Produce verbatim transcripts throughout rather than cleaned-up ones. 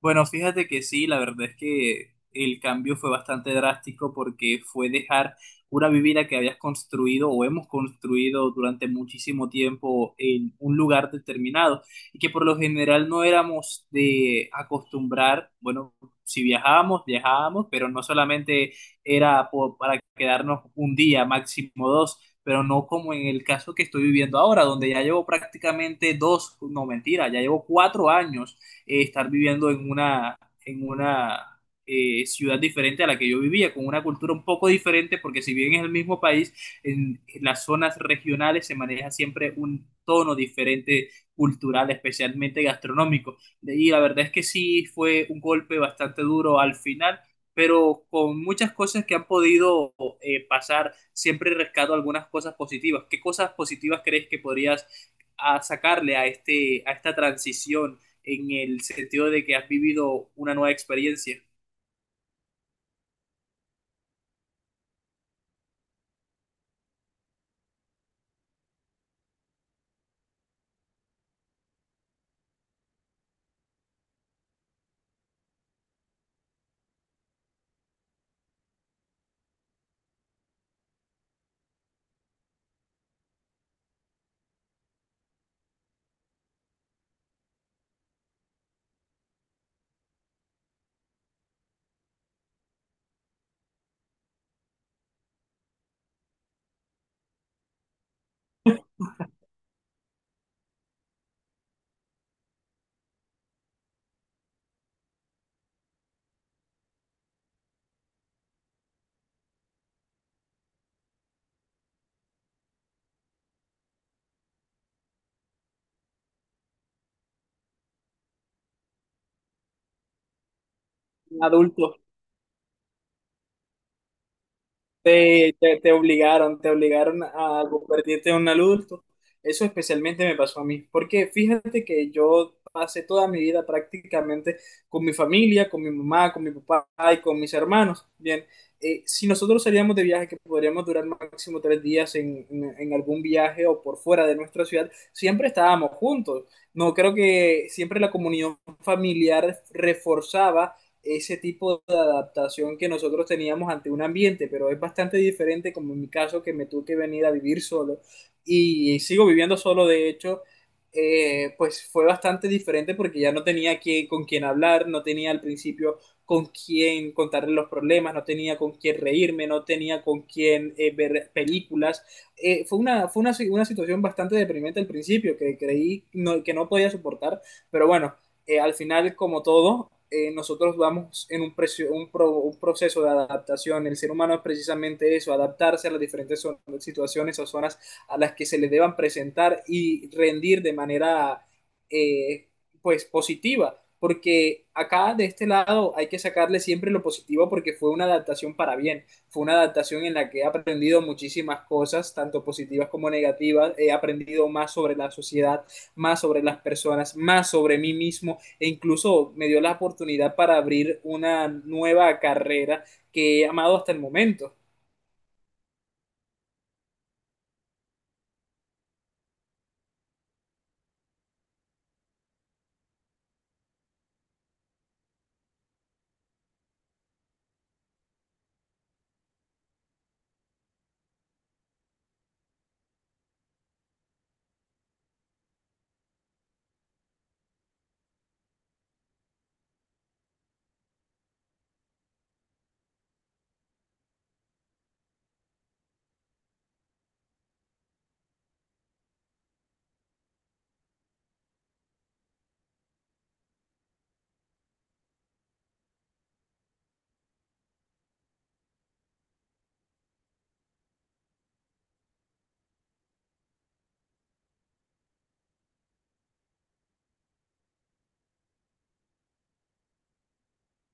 Bueno, fíjate que sí, la verdad es que el cambio fue bastante drástico porque fue dejar una vivienda que habías construido o hemos construido durante muchísimo tiempo en un lugar determinado y que por lo general no éramos de acostumbrar, bueno, si viajábamos, viajábamos, pero no solamente era po- para quedarnos un día, máximo dos. Pero no como en el caso que estoy viviendo ahora, donde ya llevo prácticamente dos, no mentira, ya llevo cuatro años eh, estar viviendo en una, en una eh, ciudad diferente a la que yo vivía, con una cultura un poco diferente, porque si bien es el mismo país, en las zonas regionales se maneja siempre un tono diferente cultural, especialmente gastronómico. Y la verdad es que sí fue un golpe bastante duro al final, pero con muchas cosas que han podido eh, pasar, siempre rescato algunas cosas positivas. ¿Qué cosas positivas crees que podrías ah, sacarle a, este, a esta transición en el sentido de que has vivido una nueva experiencia? Un adulto. Te, te, te obligaron, te obligaron a convertirte en un adulto. Eso especialmente me pasó a mí, porque fíjate que yo pasé toda mi vida prácticamente con mi familia, con mi mamá, con mi papá y con mis hermanos. Bien, eh, si nosotros salíamos de viaje, que podríamos durar máximo tres días en, en- en algún viaje o por fuera de nuestra ciudad, siempre estábamos juntos. No creo que siempre la comunión familiar reforzaba ese tipo de adaptación que nosotros teníamos ante un ambiente, pero es bastante diferente como en mi caso, que me tuve que venir a vivir solo y sigo viviendo solo, de hecho. Eh, pues fue bastante diferente, porque ya no tenía quien- con quién hablar, no tenía al principio con quién contarle los problemas, no tenía con quién reírme, no tenía con quién eh, ver películas. Eh, fue una, fue una, si- una situación bastante deprimente al principio, que creí no- que no podía soportar, pero bueno, eh, al final, como todo, eh, nosotros vamos en un, precio, un, pro, un, proceso de adaptación. El ser humano es precisamente eso, adaptarse a las diferentes so situaciones o zonas a las que se le deban presentar, y rendir de manera eh, pues positiva. Porque acá de este lado hay que sacarle siempre lo positivo, porque fue una adaptación para bien. Fue una adaptación en la que he aprendido muchísimas cosas, tanto positivas como negativas. He aprendido más sobre la sociedad, más sobre las personas, más sobre mí mismo, e incluso me dio la oportunidad para abrir una nueva carrera que he amado hasta el momento.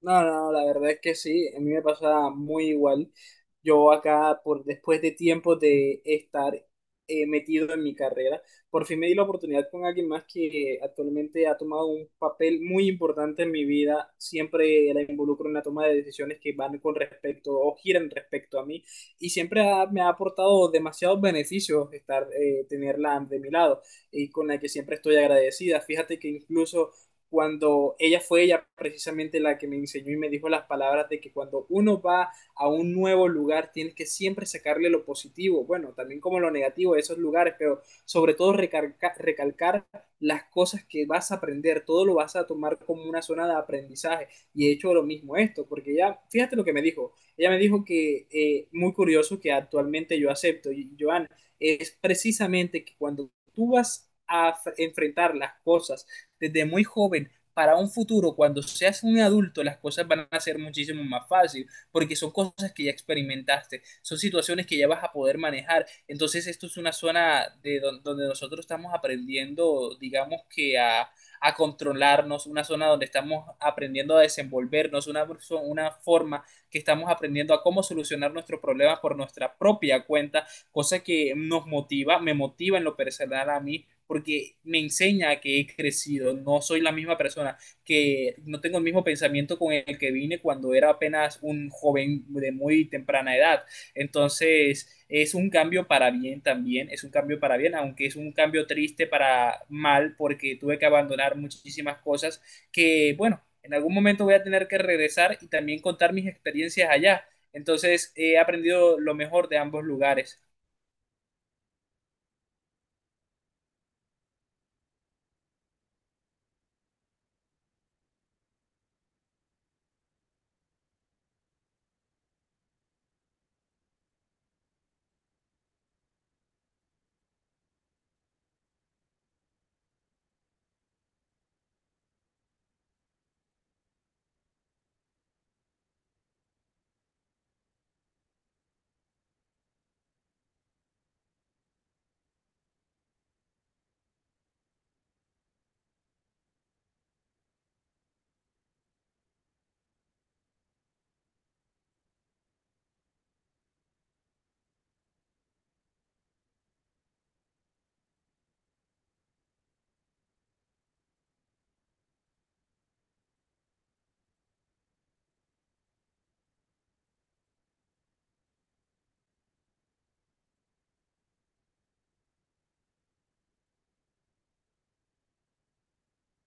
No, no, no, la verdad es que sí, a mí me pasa muy igual. Yo acá, por después de tiempo de estar eh, metido en mi carrera, por fin me di la oportunidad con alguien más que actualmente ha tomado un papel muy importante en mi vida. Siempre la involucro en la toma de decisiones que van con respecto o giran respecto a mí, y siempre ha- me ha aportado demasiados beneficios estar, eh, tenerla de mi lado y con la que siempre estoy agradecida. Fíjate que incluso cuando ella fue ella precisamente la que me enseñó y me dijo las palabras de que cuando uno va a un nuevo lugar, tienes que siempre sacarle lo positivo, bueno, también como lo negativo de esos lugares, pero sobre todo recalca, recalcar las cosas que vas a aprender, todo lo vas a tomar como una zona de aprendizaje. Y he hecho lo mismo esto, porque ella, fíjate lo que me dijo, ella me dijo que eh, muy curioso que actualmente yo acepto, y Joan, es precisamente que cuando tú vas a f- enfrentar las cosas desde muy joven para un futuro, cuando seas un adulto, las cosas van a ser muchísimo más fácil, porque son cosas que ya experimentaste, son situaciones que ya vas a poder manejar. Entonces, esto es una zona de don- donde nosotros estamos aprendiendo, digamos, que a, a controlarnos, una zona donde estamos aprendiendo a desenvolvernos, una, perso- una forma que estamos aprendiendo a cómo solucionar nuestros problemas por nuestra propia cuenta, cosa que nos motiva, me motiva en lo personal a mí, porque me enseña que he crecido, no soy la misma persona, que no tengo el mismo pensamiento con el que vine cuando era apenas un joven de muy temprana edad. Entonces, es un cambio para bien también, es un cambio para bien, aunque es un cambio triste para mal, porque tuve que abandonar muchísimas cosas que, bueno, en algún momento voy a tener que regresar y también contar mis experiencias allá. Entonces, he aprendido lo mejor de ambos lugares.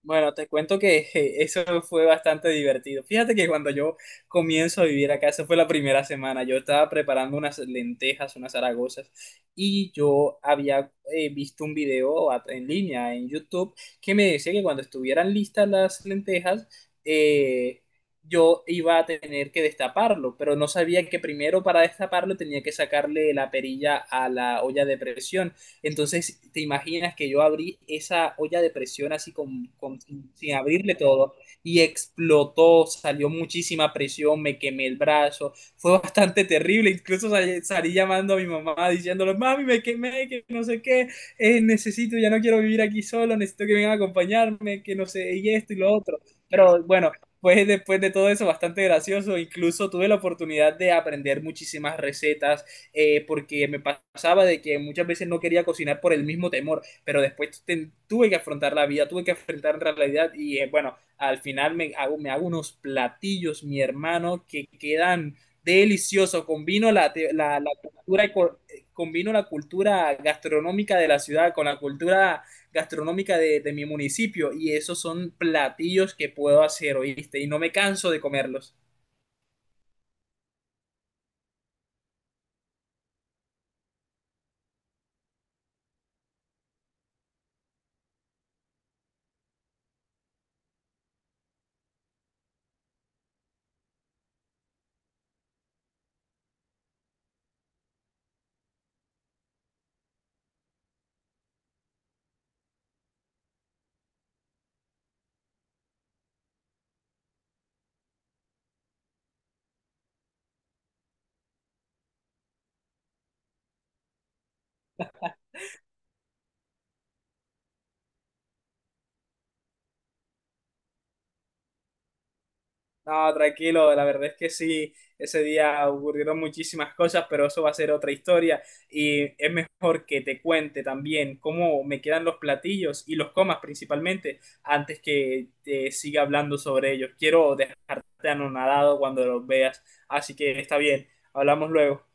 Bueno, te cuento que je, eso fue bastante divertido. Fíjate que cuando yo comienzo a vivir acá, esa fue la primera semana, yo estaba preparando unas lentejas, unas zaragozas, y yo había eh, visto un video a- en línea en YouTube que me decía que cuando estuvieran listas las lentejas, eh, yo iba a tener que destaparlo, pero no sabía que primero, para destaparlo, tenía que sacarle la perilla a la olla de presión. Entonces, te imaginas que yo abrí esa olla de presión así con, con- sin abrirle todo, y explotó, salió muchísima presión, me quemé el brazo, fue bastante terrible, incluso sal- salí llamando a mi mamá diciéndole: mami, me quemé, que no sé qué, eh, necesito, ya no quiero vivir aquí solo, necesito que vengan a acompañarme, que no sé, y esto y lo otro. Pero bueno, pues después de todo eso, bastante gracioso, incluso tuve la oportunidad de aprender muchísimas recetas, eh, porque me pasaba de que muchas veces no quería cocinar por el mismo temor, pero después te, tuve que afrontar la vida, tuve que afrontar la realidad y eh, bueno, al final me hago, me hago unos platillos, mi hermano, que quedan deliciosos, combino la, te- la, la cultura eco- eh, combino la cultura gastronómica de la ciudad con la cultura gastronómica de, de mi municipio, y esos son platillos que puedo hacer, oíste, y no me canso de comerlos. No, tranquilo, la verdad es que sí, ese día ocurrieron muchísimas cosas, pero eso va a ser otra historia, y es mejor que te cuente también cómo me quedan los platillos y los comas principalmente antes que te siga hablando sobre ellos. Quiero dejarte anonadado cuando los veas, así que está bien, hablamos luego.